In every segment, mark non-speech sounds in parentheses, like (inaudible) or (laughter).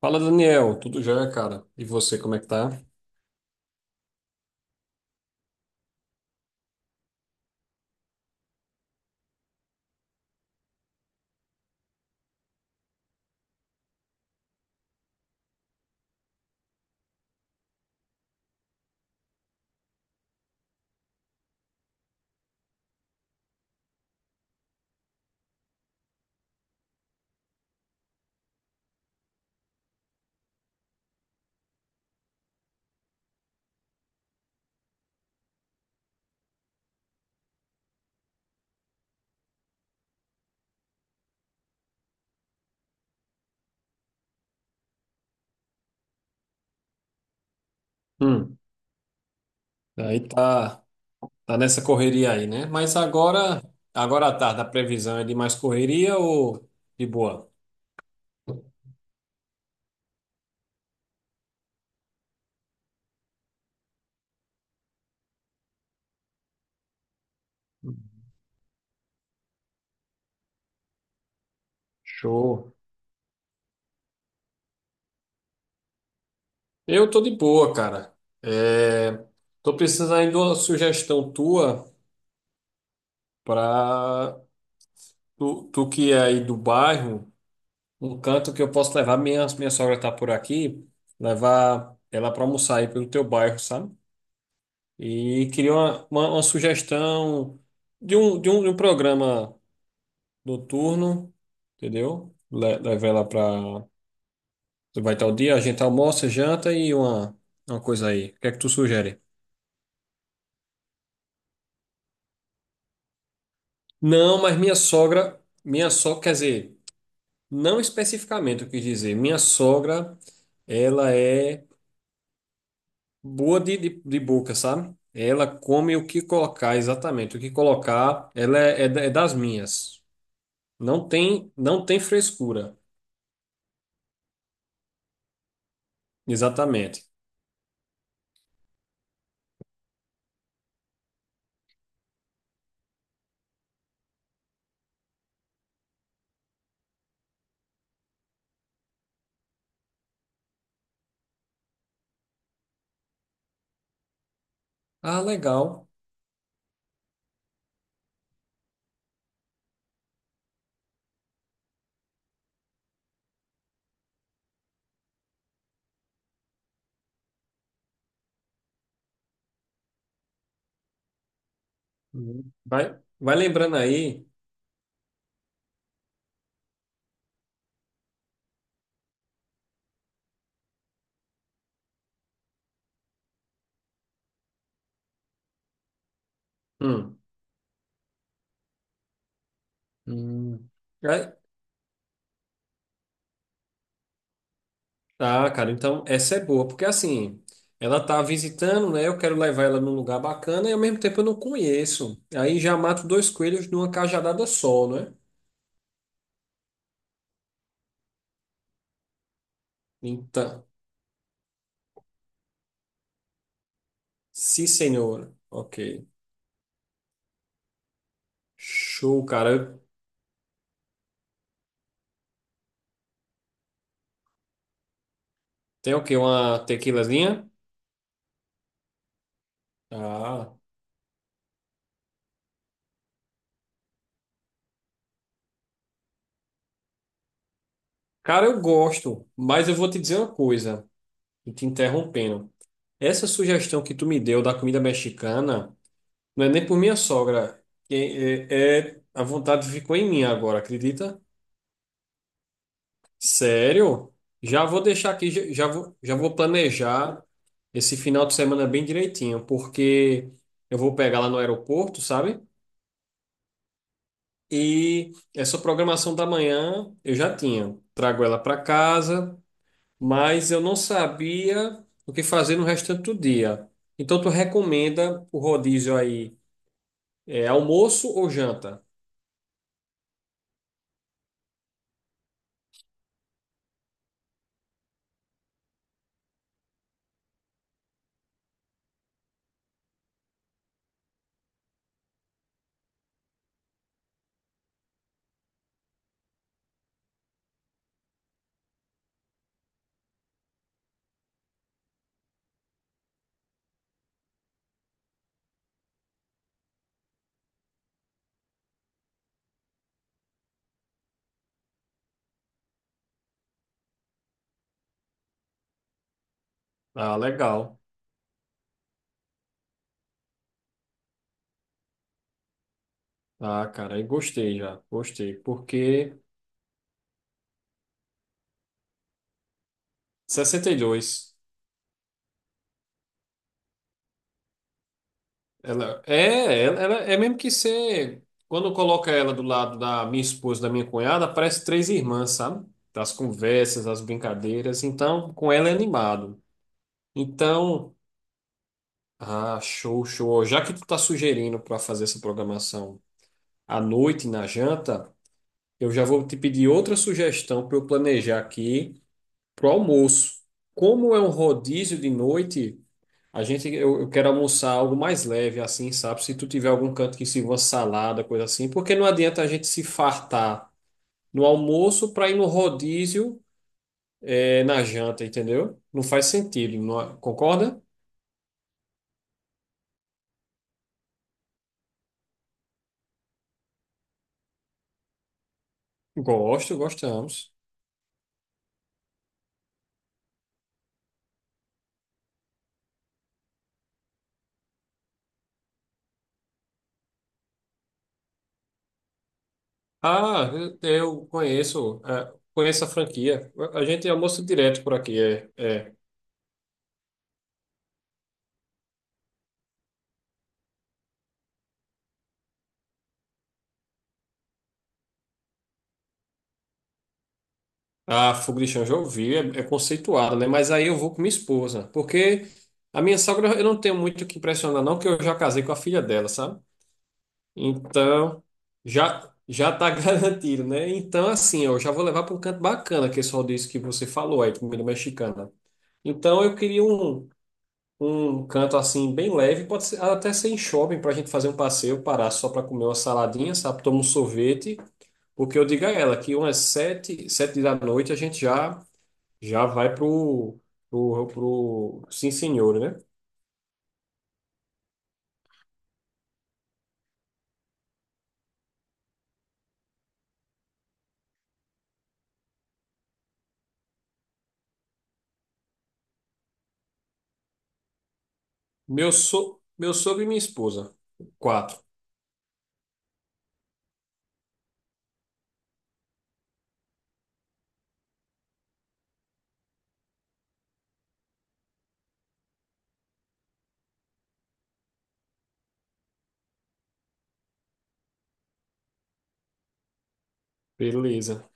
Fala, Daniel. Tudo jóia, cara? E você, como é que tá? Hum. Aí tá nessa correria aí, né? Mas agora à tarde, a previsão é de mais correria ou de boa? Show. Eu tô de boa, cara. É, tô precisando aí de uma sugestão tua pra tu que é aí do bairro, um canto que eu posso levar, minha sogra tá por aqui, levar ela pra almoçar aí pelo teu bairro, sabe? E queria uma sugestão de um programa noturno, entendeu? Leva ela pra. Vai estar o dia, a gente almoça, janta e uma coisa aí. O que é que tu sugere? Não, mas minha sogra. Minha sogra, quer dizer, não especificamente eu quis dizer. Minha sogra, ela é boa de boca, sabe? Ela come o que colocar, exatamente. O que colocar, ela é das minhas. Não tem frescura. Exatamente. Ah, legal. Uhum. Vai lembrando aí. Hum. Hum. Vai- Ah, cara, então essa é boa, porque assim, ela tá visitando, né? Eu quero levar ela num lugar bacana e ao mesmo tempo eu não conheço. Aí já mato dois coelhos numa cajadada só, né? Então, Sim Senhor. Ok. Show, cara. Tem o quê? Uma tequilazinha? Ah, cara, eu gosto, mas eu vou te dizer uma coisa. E te interrompendo. Essa sugestão que tu me deu da comida mexicana não é nem por minha sogra, que é, a vontade ficou em mim agora, acredita? Sério? Já vou deixar aqui, já vou planejar esse final de semana bem direitinho, porque eu vou pegar lá no aeroporto, sabe? E essa programação da manhã eu já tinha. Trago ela para casa, mas eu não sabia o que fazer no restante do dia. Então, tu recomenda o rodízio aí, é almoço ou janta? Ah, legal. Ah, cara, aí gostei já, gostei, porque 62, ela é mesmo que ser, quando coloca ela do lado da minha esposa, e da minha cunhada, parece três irmãs, sabe? Das conversas, das brincadeiras, então, com ela é animado. Então, ah, show, show. Já que tu tá sugerindo para fazer essa programação à noite na janta, eu já vou te pedir outra sugestão para eu planejar aqui para o almoço. Como é um rodízio de noite, eu quero almoçar algo mais leve, assim, sabe? Se tu tiver algum canto que sirva salada, coisa assim, porque não adianta a gente se fartar no almoço para ir no rodízio na janta, entendeu? Não faz sentido, é? Concorda? Gosto, gostamos. Ah, eu conheço, conheço a franquia. A gente almoça direto por aqui, A Fogo de Chão já ouvi, é conceituada, né? Mas aí eu vou com minha esposa, porque a minha sogra eu não tenho muito o que impressionar, não, porque eu já casei com a filha dela, sabe? Então, já tá (laughs) garantido, né? Então, assim, ó, eu já vou levar para um canto bacana, que é só disso que você falou aí, comida mexicana. Então, eu queria um canto assim, bem leve, pode ser, até ser em shopping, para a gente fazer um passeio, parar só para comer uma saladinha, sabe? Tomar um sorvete, porque eu digo a ela que umas sete da noite a gente já. Já vai pro Sim Senhor, né? Meu sogro e minha esposa. Quatro. Beleza.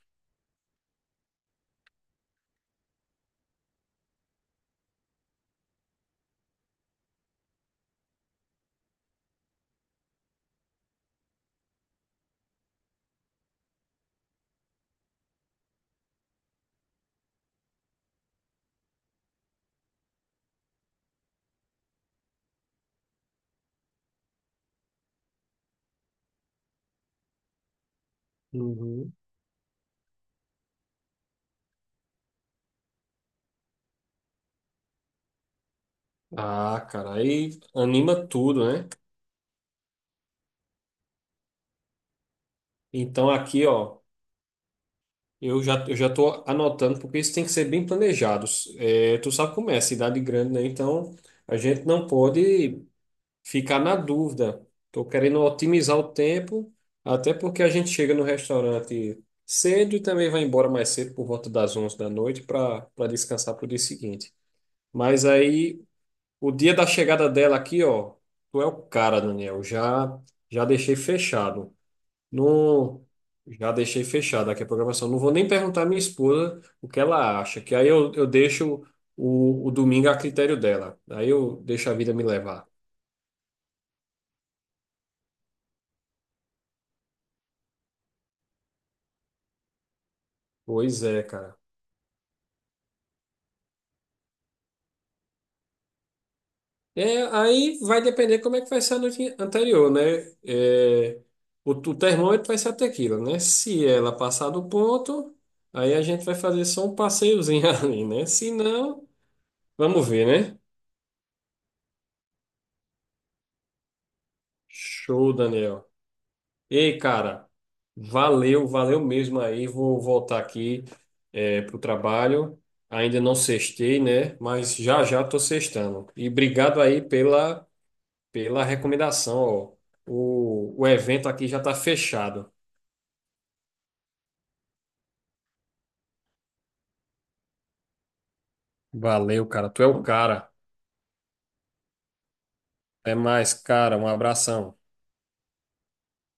Uhum. Ah, cara, aí anima tudo, né? Então aqui, ó, eu já tô anotando, porque isso tem que ser bem planejado. É, tu sabe como é, cidade grande, né? Então a gente não pode ficar na dúvida. Estou querendo otimizar o tempo, até porque a gente chega no restaurante cedo e também vai embora mais cedo, por volta das 11 da noite, para descansar para o dia seguinte. Mas aí, o dia da chegada dela aqui, ó, tu é o cara, Daniel. Já deixei fechado. Não, já deixei fechado aqui a programação. Não vou nem perguntar à minha esposa o que ela acha, que aí eu deixo o domingo a critério dela. Aí eu deixo a vida me levar. Pois é, cara. É, aí vai depender como é que vai ser a noite anterior, né? É, o termômetro vai ser até aquilo, né? Se ela passar do ponto, aí a gente vai fazer só um passeiozinho (laughs) ali, né? Se não, vamos ver, né? Show, Daniel. Ei, cara, valeu, valeu mesmo aí. Vou voltar aqui, pro trabalho. Ainda não sextei, né? Mas já tô sextando. E obrigado aí pela recomendação, ó. O evento aqui já está fechado. Valeu, cara. Tu é o cara. Até mais, cara. Um abração.